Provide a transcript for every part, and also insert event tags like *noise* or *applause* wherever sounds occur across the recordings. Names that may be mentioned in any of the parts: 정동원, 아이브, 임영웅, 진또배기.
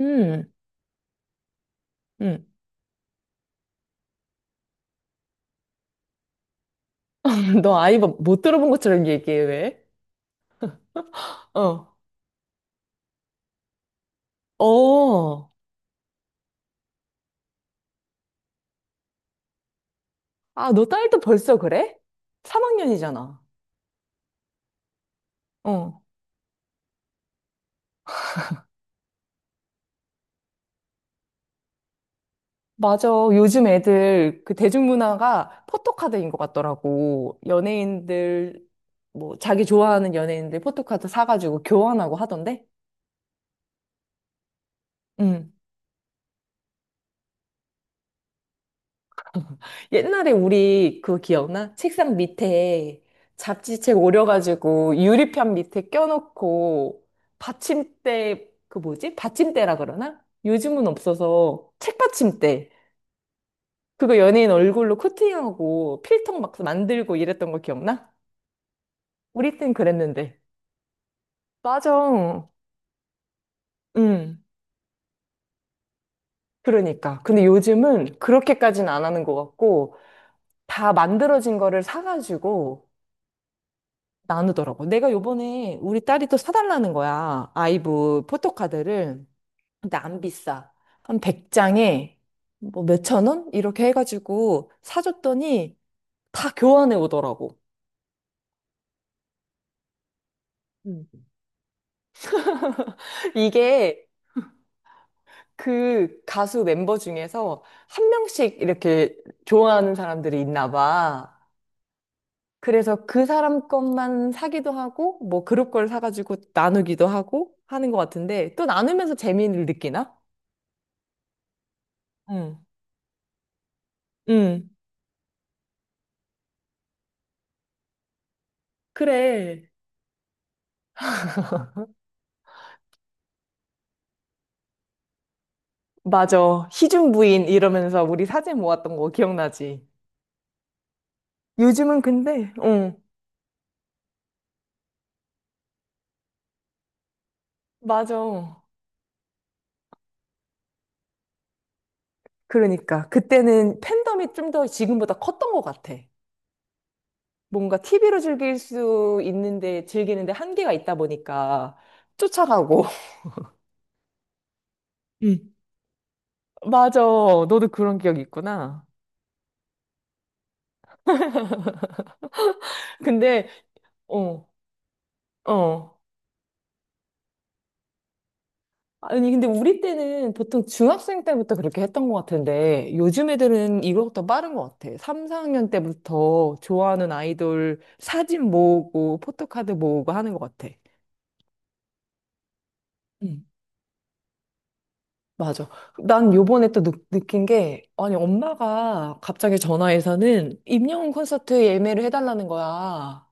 음, 음. *laughs* 너 못 들어본 것처럼 얘기해, 왜? 어, 어. 아, 너 딸도 벌써 그래? 3학년이잖아. 어. 맞아. 요즘 애들 그 대중문화가 포토카드인 것 같더라고. 연예인들, 뭐, 자기 좋아하는 연예인들 포토카드 사가지고 교환하고 하던데? 응. 옛날에 우리 그거 기억나? 책상 밑에 잡지책 오려가지고 유리판 밑에 껴놓고 받침대, 그 뭐지? 받침대라 그러나? 요즘은 없어서 책받침대. 그거 연예인 얼굴로 코팅하고 필통 막 만들고 이랬던 거 기억나? 우리 땐 그랬는데. 맞아. 응. 그러니까. 근데 요즘은 그렇게까지는 안 하는 것 같고 다 만들어진 거를 사가지고 나누더라고. 내가 요번에 우리 딸이 또 사달라는 거야. 아이브 포토카드를. 근데 안 비싸. 한 100장에 뭐 몇천 원? 이렇게 해가지고 사줬더니 다 교환해 오더라고. 음. 이게 그 가수 멤버 중에서 한 명씩 이렇게 좋아하는 사람들이 있나 봐. 그래서 그 사람 것만 사기도 하고, 뭐 그룹 걸 사가지고 나누기도 하고 하는 것 같은데, 또 나누면서 재미를 느끼나? 응. 응. 그래. 맞아. 희준 부인 이러면서 우리 사진 모았던 거 기억나지? 요즘은 근데, 응 맞아. 그러니까. 그때는 팬덤이 좀 더 지금보다 컸던 것 같아. 뭔가 TV로 즐길 수 있는데, 즐기는데 한계가 있다 보니까 쫓아가고. *laughs* 응. 맞아. 너도 그런 기억이 있구나. 근데, 어, 어. 아니, 근데 우리 때는 보통 중학생 때부터 그렇게 했던 것 같은데, 요즘 애들은 이거보다 빠른 것 같아. 3, 4학년 때부터 좋아하는 아이돌 사진 모으고, 포토카드 모으고 하는 것 같아. 응, 맞아. 난 요번에 또 느낀 게, 아니, 엄마가 갑자기 전화해서는 임영웅 콘서트 예매를 해달라는 거야.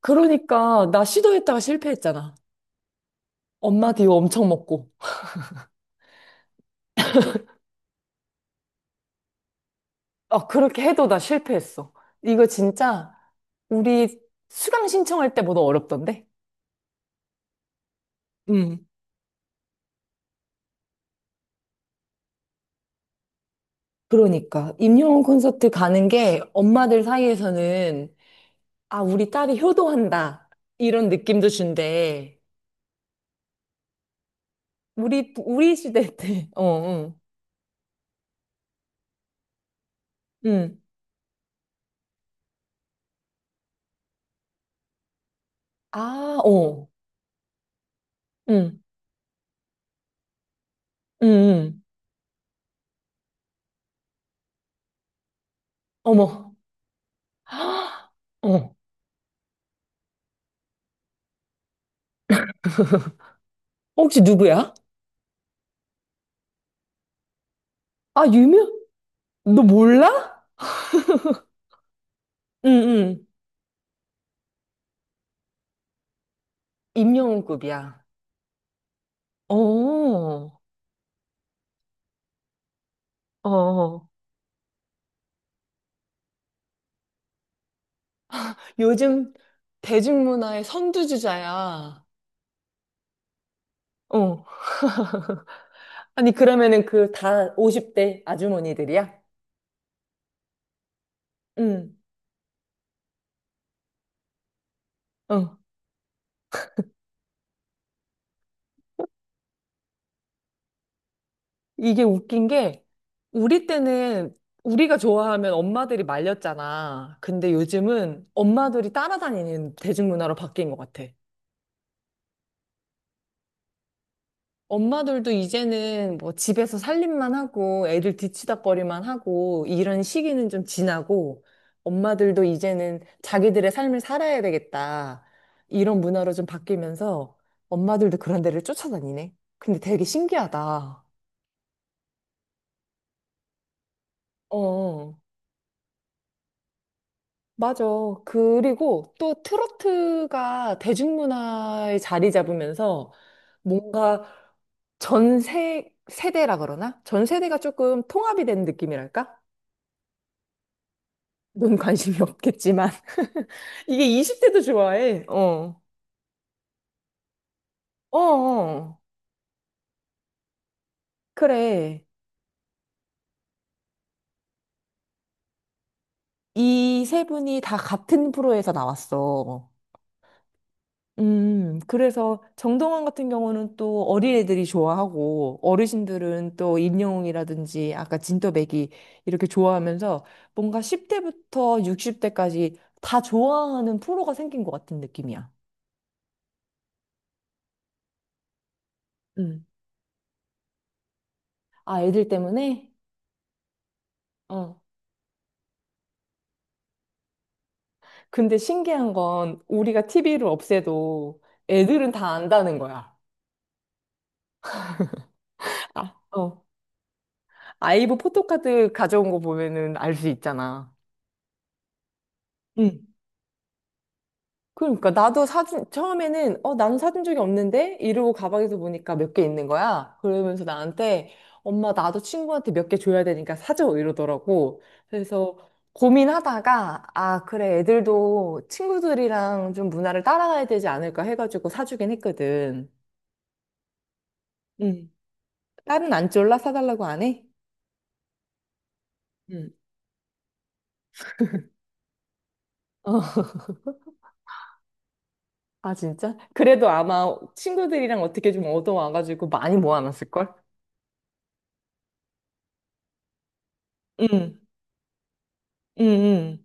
그러니까 나 시도했다가 실패했잖아. 엄마 뒤 엄청 먹고. 어, 그렇게 해도 나 실패했어. 이거 진짜 우리 수강 신청할 때보다 어렵던데? 음. 그러니까 임영웅 콘서트 가는 게 엄마들 사이에서는 아, 우리 딸이 효도한다. 이런 느낌도 준대. 우리 시대 때. *laughs* 어, 어 응. 아, 어. 응. 응. 응. 어머. *gasps* 헉, 어. 혹시 누구야? 아, 유명? 너 몰라? 응, 응. 임영웅급이야. 어, 어. 요즘 대중문화의 선두주자야. 어. 아니, 그러면은 그 다 50대 아주머니들이야? 응. 어. 이게 웃긴 게, 우리 때는 우리가 좋아하면 엄마들이 말렸잖아. 근데 요즘은 엄마들이 따라다니는 대중문화로 바뀐 것 같아. 엄마들도 이제는 뭐 집에서 살림만 하고 애들 뒤치다꺼리만 하고 이런 시기는 좀 지나고 엄마들도 이제는 자기들의 삶을 살아야 되겠다. 이런 문화로 좀 바뀌면서 엄마들도 그런 데를 쫓아다니네. 근데 되게 신기하다. 어, 맞아. 그리고 또 트로트가 대중문화에 자리 잡으면서 뭔가 전 세대라 그러나? 전 세대가 조금 통합이 된 느낌이랄까? 넌 관심이 없겠지만. *laughs* 이게 20대도 좋아해. 어. 어, 어. 그래. 이 세 분이 다 같은 프로에서 나왔어. 그래서 정동원 같은 경우는 또 어린애들이 좋아하고 어르신들은 또 임영웅이라든지 아까 진또배기 이렇게 좋아하면서 뭔가 10대부터 60대까지 다 좋아하는 프로가 생긴 것 같은 느낌이야. 음. 아, 애들 때문에? 어, 근데 신기한 건 우리가 TV를 없애도 애들은 다 안다는 거야. 아, 어. 아이브 포토카드 가져온 거 보면은 알 수 있잖아. 응. 그러니까 나도 사진 처음에는 어 나는 사준 적이 없는데 이러고 가방에서 보니까 몇 개 있는 거야. 그러면서 나한테 엄마 나도 친구한테 몇 개 줘야 되니까 사줘 이러더라고. 그래서 고민하다가 아 그래 애들도 친구들이랑 좀 문화를 따라가야 되지 않을까 해가지고 사주긴 했거든. 응. 딸은 안 쫄라? 사달라고 안 해? 응 어, 아, 진짜? 그래도 아마 친구들이랑 어떻게 좀 얻어와가지고 많이 모아놨을걸? 응, 응, 응.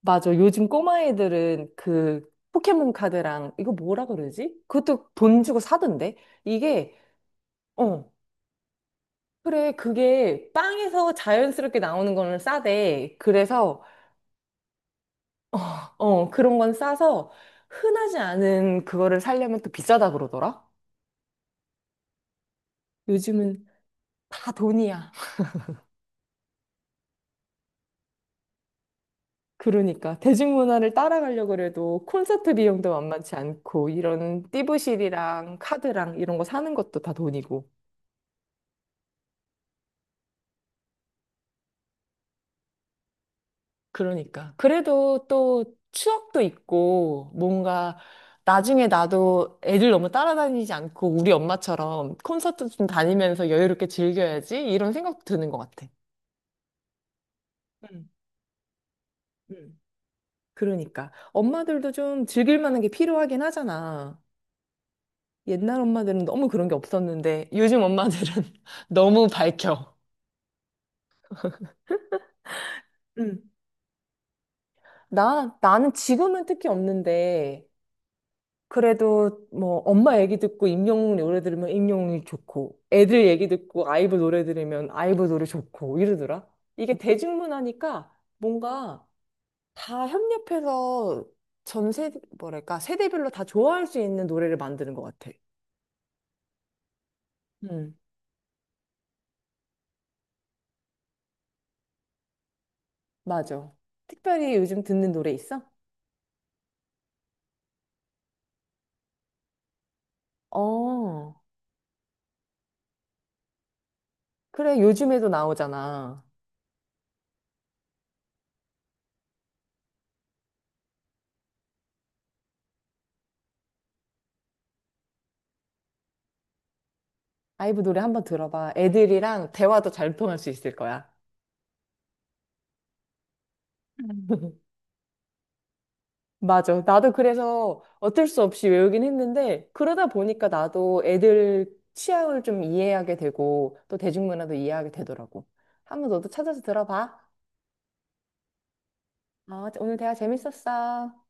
맞아. 요즘 꼬마 애들은 그 포켓몬 카드랑 이거 뭐라 그러지? 그것도 돈 주고 사던데? 이게, 어, 그래. 그게 빵에서 자연스럽게 나오는 거는 싸대. 그래서, 어, 어, 그런 건 싸서 흔하지 않은 그거를 사려면 또 비싸다 그러더라? 요즘은 다 돈이야. 그러니까 대중문화를 따라가려고 그래도 콘서트 비용도 만만치 않고 이런 띠부실이랑 카드랑 이런 거 사는 것도 다 돈이고 그러니까 그래도 또 추억도 있고 뭔가 나중에 나도 애들 너무 따라다니지 않고 우리 엄마처럼 콘서트 좀 다니면서 여유롭게 즐겨야지 이런 생각도 드는 것 같아. 음, 음. 그러니까 엄마들도 좀 즐길 만한 게 필요하긴 하잖아. 옛날 엄마들은 너무 그런 게 없었는데 요즘 엄마들은 *laughs* 너무 밝혀. 응. 나는 지금은 특히 없는데, 그래도 뭐 엄마 얘기 듣고 임영웅 노래 들으면 임영웅이 좋고, 애들 얘기 듣고 아이브 노래 들으면 아이브 노래 좋고 이러더라. 이게 대중문화니까 뭔가 다 협력해서 전 세대, 뭐랄까, 세대별로 다 좋아할 수 있는 노래를 만드는 것 같아. 응, 맞아. 특별히 요즘 듣는 노래 있어? 어. 그래, 요즘에도 나오잖아. 아이브 노래 한번 들어봐. 애들이랑 대화도 잘 통할 수 있을 거야. *laughs* 맞아. 나도 그래서 어쩔 수 없이 외우긴 했는데, 그러다 보니까 나도 애들 취향을 좀 이해하게 되고, 또 대중문화도 이해하게 되더라고. 한번 너도 찾아서 들어봐. 아, 오늘 대화 재밌었어.